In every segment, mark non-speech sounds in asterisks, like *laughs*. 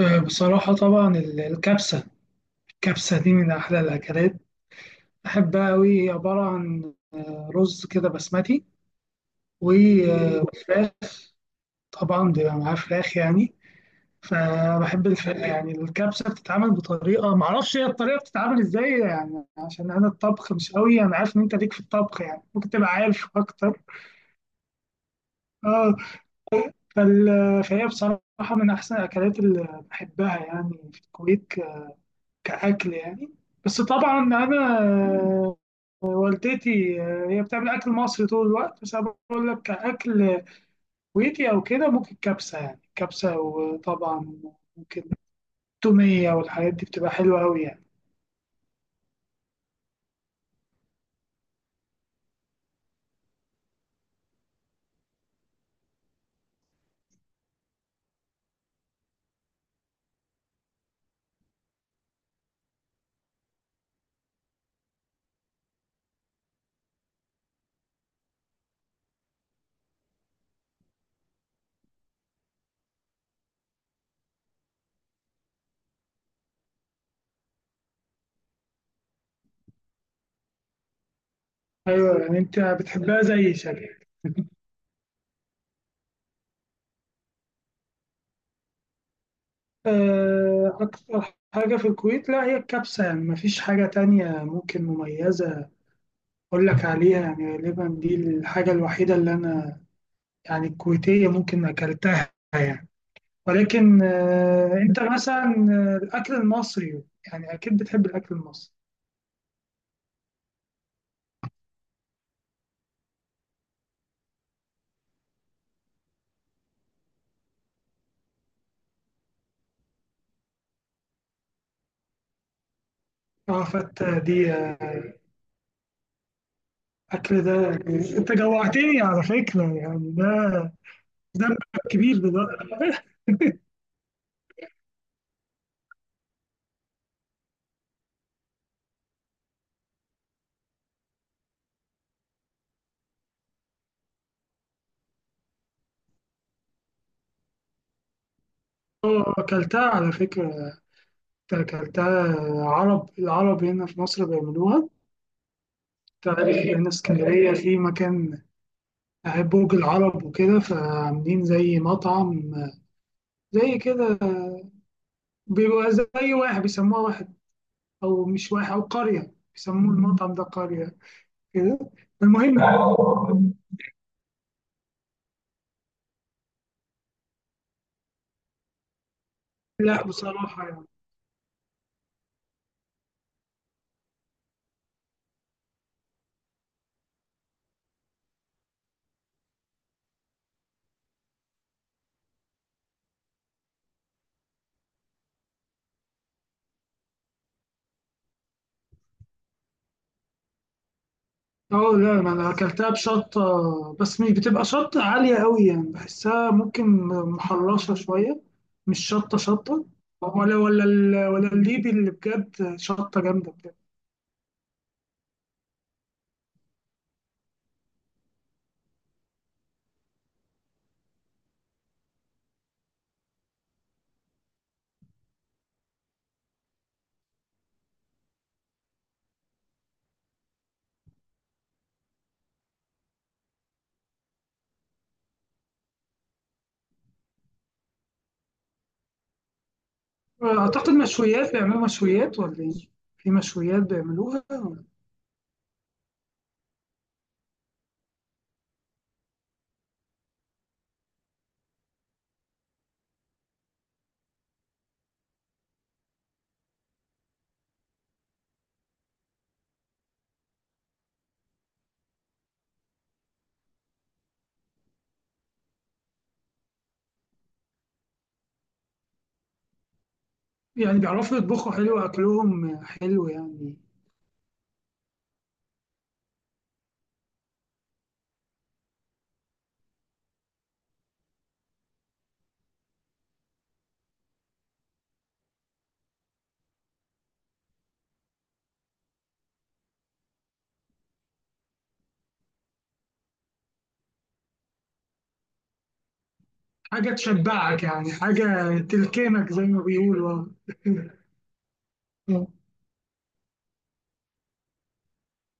بصراحة طبعا الكبسة. دي من أحلى الأكلات، بحبها أوي. هي عبارة عن رز كده بسمتي و- وفراخ، طبعا بيبقى معاه فراخ يعني. يعني الكبسة بتتعمل بطريقة معرفش هي الطريقة بتتعمل إزاي، يعني عشان أنا الطبخ مش أوي. أنا عارف إن أنت ليك في الطبخ، يعني ممكن تبقى عارف أكتر. آه فال... فهي بصراحة من أحسن الأكلات اللي بحبها يعني في الكويت، كأكل يعني. بس طبعا أنا والدتي هي بتعمل أكل مصري طول الوقت، بس أنا بقول لك كأكل كويتي أو كده ممكن كبسة، يعني كبسة. وطبعا ممكن تومية، والحاجات دي بتبقى حلوة أوي يعني. أيوة، يعني أنت بتحبها زي شكلك. *laughs* أكتر حاجة في الكويت لا هي الكبسة، يعني مفيش حاجة تانية ممكن مميزة أقول لك عليها. يعني غالبا دي الحاجة الوحيدة اللي أنا يعني الكويتية ممكن أكلتها يعني. ولكن انت مثلا الاكل المصري، يعني اكيد بتحب الاكل المصري. اه، فتة دي اكل، ده يعني انت جوعتني على فكرة. يعني ده ذنبك كبير دلوقتي. اه، اكلتها على فكرة، اكلتها. عرب العرب هنا في مصر بيعملوها. تعرف هنا اسكندرية في مكان، برج العرب وكده، فعاملين زي مطعم زي كده. بيبقى زي واحد، بيسموها واحد او مش واحد او قرية، بيسموه المطعم ده قرية كده. المهم، لا بصراحة يعني. اه لا، ما انا اكلتها بشطة، بس مش بتبقى شطة عالية قوي يعني، بحسها ممكن محرشة شوية. مش شطة شطة، ولا ولا الليبي اللي بجد شطة جامدة بجد. اعتقد مشويات، بيعملوا مشويات ولا ايه؟ في مشويات بيعملوها يعني. بيعرفوا يطبخوا حلو، اكلهم حلو يعني. حاجة تشبعك يعني، حاجة تلكمك زي ما بيقولوا. *laughs*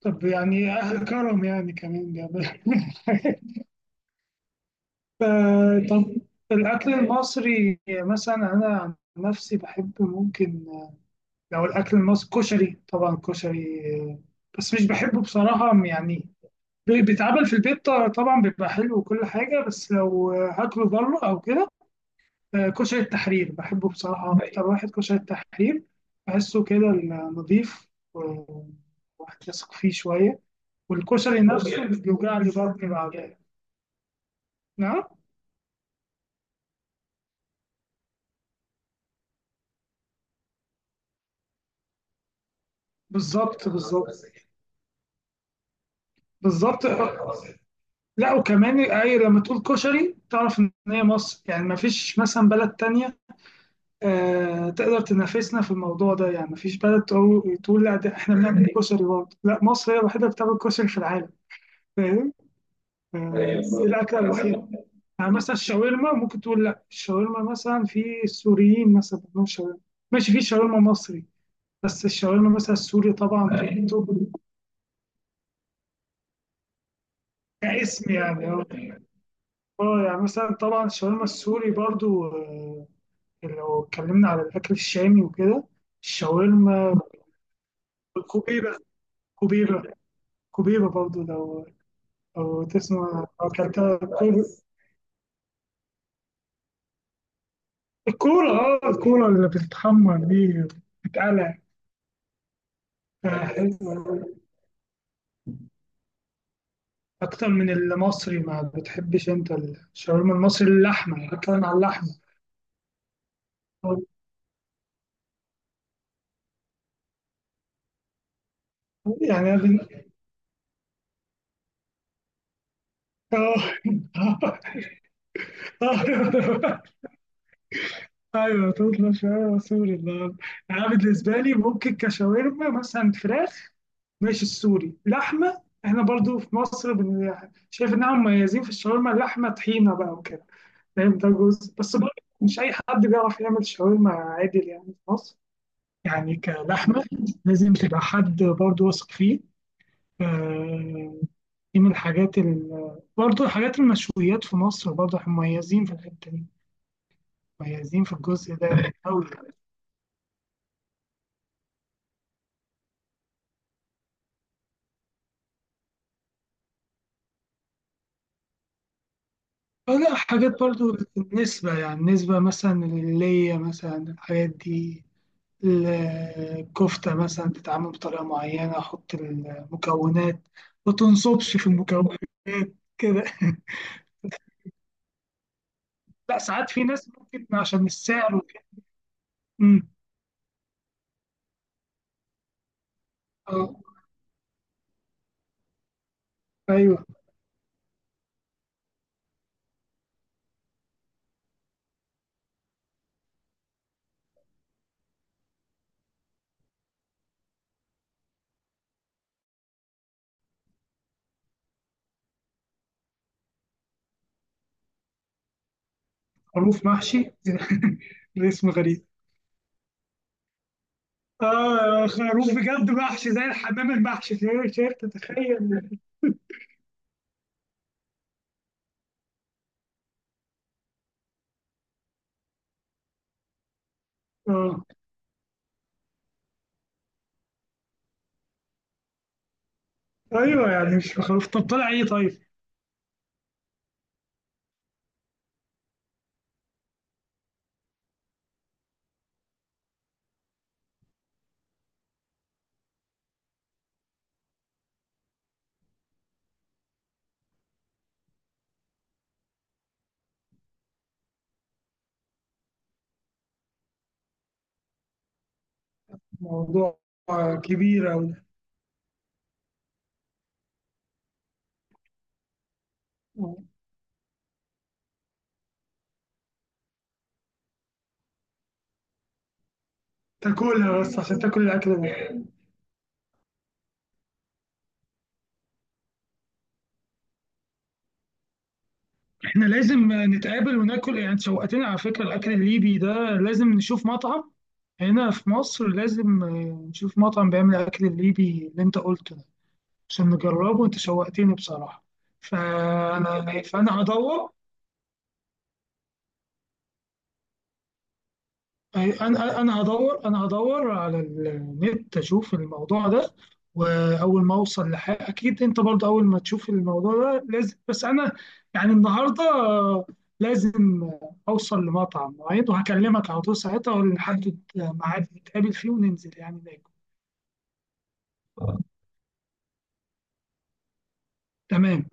طب يعني أهل كرم يعني كمان بيعملوا. *laughs* طب الأكل المصري مثلا أنا عن نفسي بحب ممكن، لو الأكل المصري كشري، طبعا كشري، بس مش بحبه بصراحة يعني. بيتعمل في البيت، طبعا بيبقى حلو وكل حاجة. بس لو هاكله بره أو كده، كشري التحرير بحبه بصراحة. أكتر واحد كشري التحرير، بحسه كده نظيف، وواحد يثق فيه شوية. والكشري نفسه بيوجع لي بطني بعدين. نعم. بالظبط بالظبط. بالظبط. لا، وكمان اي لما تقول كشري تعرف ان هي مصر. يعني ما فيش مثلا بلد تانية آه تقدر تنافسنا في الموضوع ده. يعني ما فيش بلد تقول لا ده احنا بنعمل كشري برضه. لا، مصر هي الوحيدة اللي بتعمل كشري في العالم. فاهم؟ آه، دي الأكلة الوحيدة. يعني مثلا الشاورما ممكن تقول لا، الشاورما مثلا في السوريين مثلا بيعملوا شاورما، ماشي. في شاورما مصري، بس الشاورما مثلا السوري طبعا في التوب. كاسم يعني آه. اه يعني مثلا طبعا الشاورما السوري برضو لو اتكلمنا على الأكل الشامي وكده، الشاورما، كوبيبة، كوبيبة. كوبيبة برضو لو لو تسمع، لو أكلتها الكورة. اه، الكورة اللي بتتحمر دي، بتتقلع. حلوة أوي. أكتر من المصري، ما بتحبش أنت الشاورما المصري اللحمة؟ يعني بتكلم على اللحمة. يعني أنا- اه. *laughs* ايوه، تطلع شاورما سوري النهارده. يعني انا بالنسبه لي ممكن كشاورما مثلا فراخ ماشي، السوري لحمه. احنا برضو في مصر شايف ان هم مميزين في الشاورما اللحمه، طحينه بقى وكده، فاهم؟ ده جزء بس برضو مش اي حد بيعرف يعمل شاورما عادل يعني في مصر. يعني كلحمه لازم تبقى حد برضو واثق فيه. آه، دي من الحاجات برضو حاجات المشويات في مصر برضو احنا مميزين في الحته دي، مميزين في الجزء ده قوي. لا حاجات برضو النسبة، يعني النسبة مثلا اللي مثلا الحاجات دي، الكفتة مثلا تتعمل بطريقة معينة، أحط المكونات، ما تنصبش في المكونات كده. *laughs* لا ساعات في ناس ممكن عشان السعر وكده. أمم، اه. ايوه خروف محشي. *laughs* الاسم غريب. اه خروف بجد محشي زي الحمام المحشي في شركة، تخيل! اه ايوه، يعني مش خروف. طب طلع ايه طيب؟ موضوع كبير أوي. تاكلها بس عشان تاكل الاكل ده. احنا لازم نتقابل وناكل، يعني شوقتنا على فكرة الأكل الليبي ده. لازم نشوف مطعم هنا في مصر، لازم نشوف مطعم بيعمل الأكل الليبي اللي أنت قلته ده عشان نجربه. أنت شوقتني بصراحة. فأنا هدور. انا هدور، انا هدور على النت اشوف الموضوع ده. واول ما اوصل لحاجه اكيد انت برضه اول ما تشوف الموضوع ده لازم. بس انا يعني النهارده لازم اوصل لمطعم معين وهكلمك على طول ساعتها، ونحدد ميعاد نتقابل فيه وننزل يعني ناكل. تمام